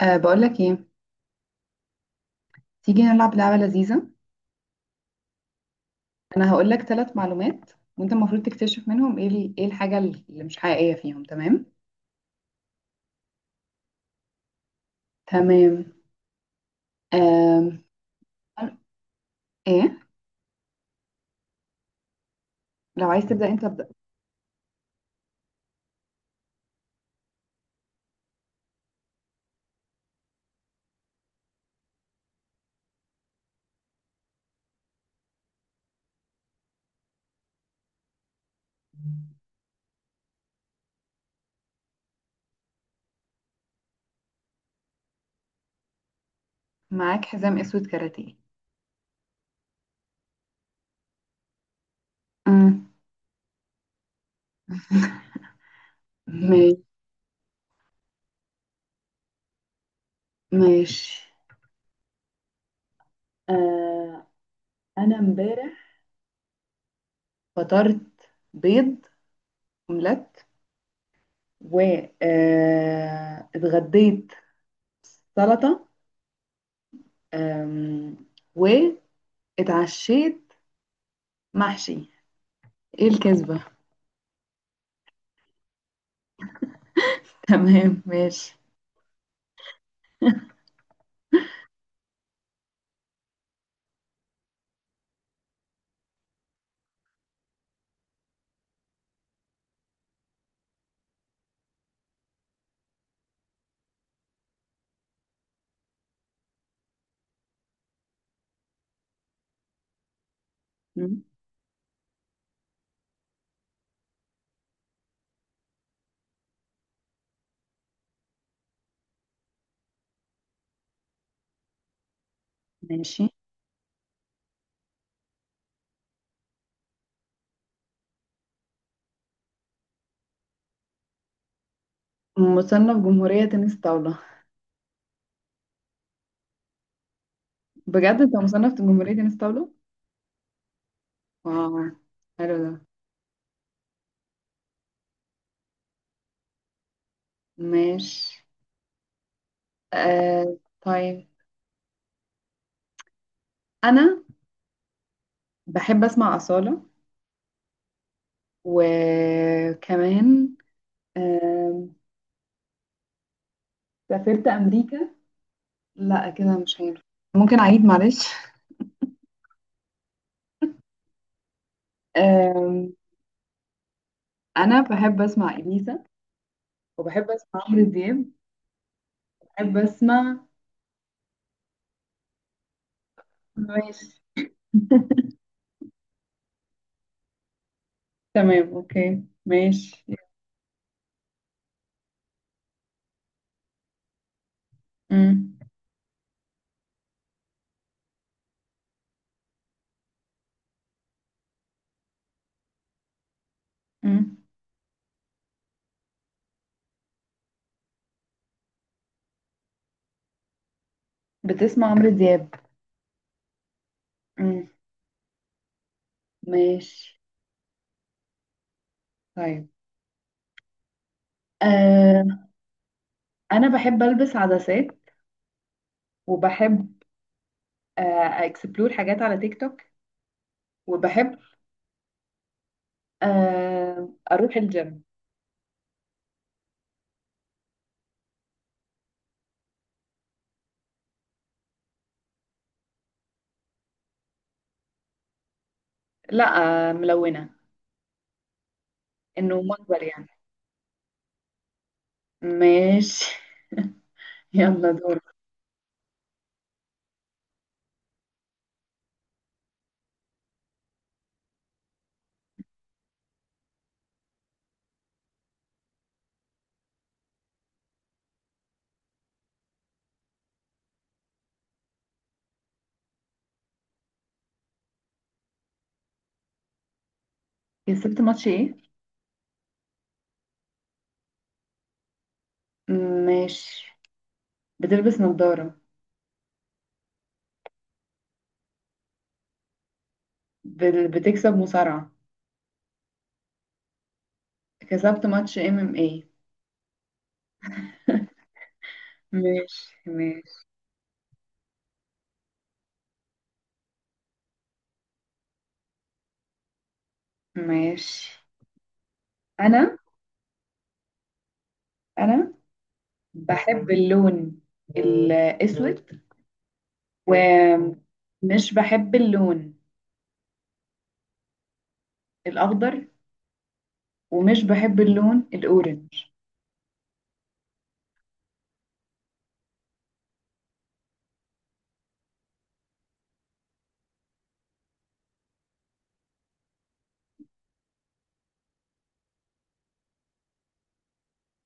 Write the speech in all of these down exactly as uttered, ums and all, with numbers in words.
أه بقولك ايه؟ تيجي نلعب لعبة لذيذة. انا هقولك ثلاث معلومات، وانت المفروض تكتشف منهم ايه ال- ايه الحاجة اللي مش حقيقية فيهم. تمام؟ تمام. أم. ايه؟ لو عايز تبدأ انت ابدأ. معاك حزام اسود كاراتيه؟ أم. ماشي ماشي. أه انا امبارح فطرت بيض اومليت، و أه، اتغديت سلطة، أم، واتعشيت محشي. ايه الكذبة؟ تمام ماشي. مم. ماشي. مصنف جمهورية تنس طاولة؟ بجد انت مصنف جمهورية تنس طاولة؟ واو، حلو ده. ماشي. آه طيب، انا بحب اسمع أصالة، وكمان، آم، سافرت امريكا. لا كده مش هينفع، ممكن اعيد معلش. آم، انا بحب اسمع اليسا، وبحب اسمع عمرو دياب، بحب اسمع. ماشي تمام اوكي ماشي. مم. مم. بتسمع عمرو دياب؟ مم. ماشي. طيب، آه انا بحب البس عدسات، وبحب آه اكسبلور حاجات على تيك توك، وبحب آه اروح الجيم. لا، آه ملونة. انه مجبر يعني. ماشي. يلا دور. كسبت ماتش ايه؟ ماشي. بتلبس نظارة. بال- بتكسب مصارعة. كسبت ماتش ام ام ايه. ماشي ماشي ماشي. انا انا بحب اللون الأسود، ومش بحب اللون الأخضر، ومش بحب اللون الأورنج.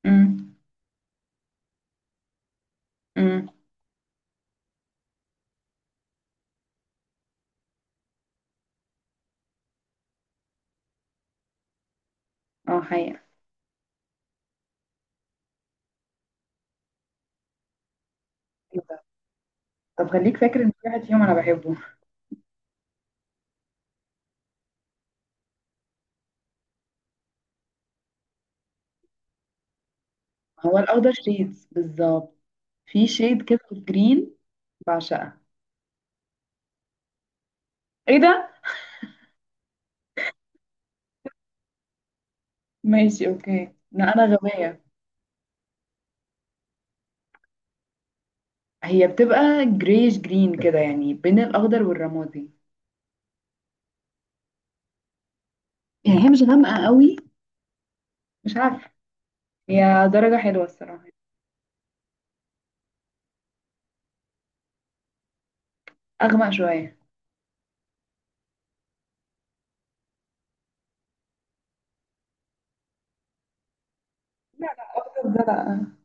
امم. امم. اه، حقيقة. إيه ده؟ طب خليك فاكر إن في واحد فيهم أنا بحبه. هو الأخضر شيدز بالظبط، في شيد كده جرين بعشقها. ايه ده؟ ماشي اوكي، لا انا غبية. هي بتبقى جريش جرين كده، يعني بين الاخضر والرمادي. يعني هي مش غامقة قوي، مش عارفة، هي درجة حلوة الصراحة. اغمق شوية. لا لا اكتر، ده لا المفروض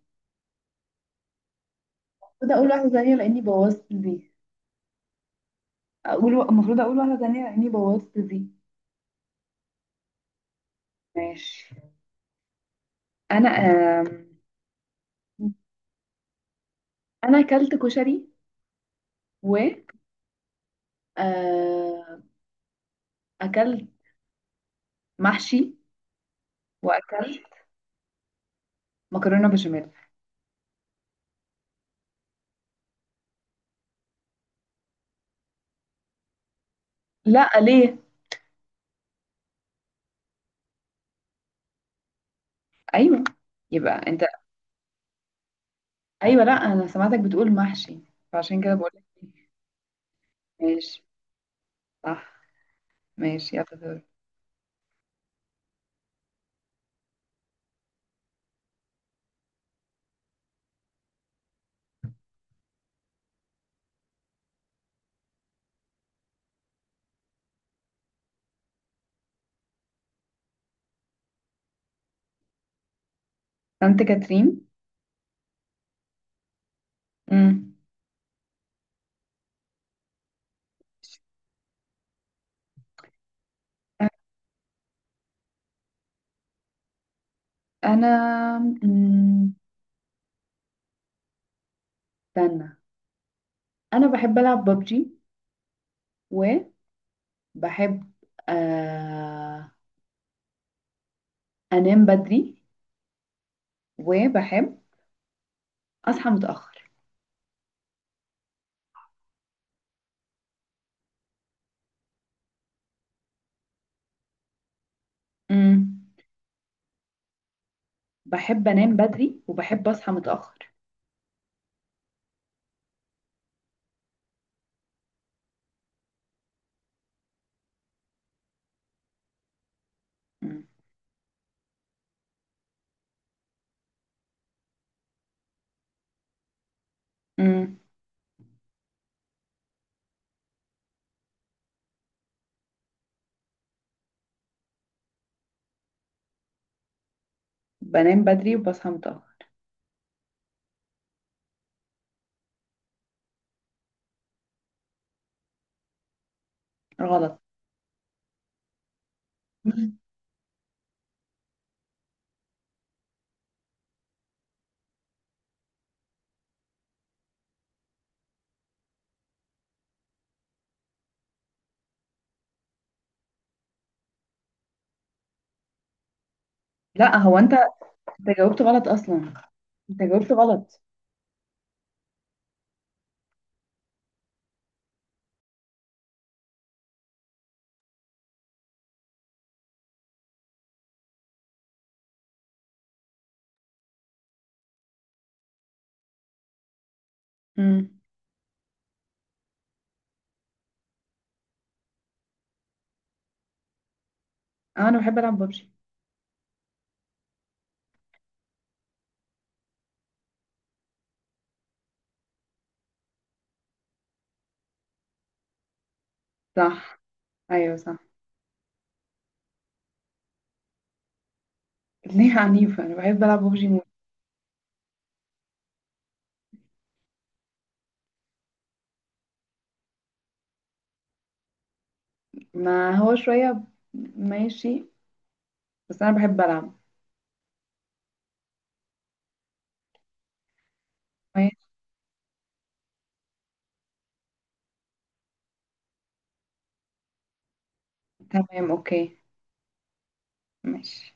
اقول واحدة ثانية لاني بوظت دي. اقول المفروض اقول واحدة ثانية لاني بوظت دي. ماشي. انا آم، انا اكلت كشري، و آه، اكلت محشي، واكلت مكرونة بشاميل. لا ليه؟ ايوه. يبقى انت. ايوه، لا انا سمعتك بتقول محشي، فعشان كده بقول لك إيه. ماشي، صح، ماشي يلا دور. انت كاترين. امم. انا أمم، استنى، انا بحب العب ببجي، وبحب آه أنام بدري، وبحب أصحى متأخر. مم. بحب أنام بدري، وبحب أصحى متأخر. مم. مم. بنام بدري وبصحى متأخر. غلط. مم. لا هو أنت أنت جاوبت غلط أصلا. أنت جاوبت غلط. مم. آه، أنا بحب ألعب ببجي. صح، أيوه صح. ليه عنيفة؟ أنا بحب ألعب ببجي موت. ما هو شوية. ماشي، بس أنا بحب ألعب. ماشي تمام أوكي ماشي.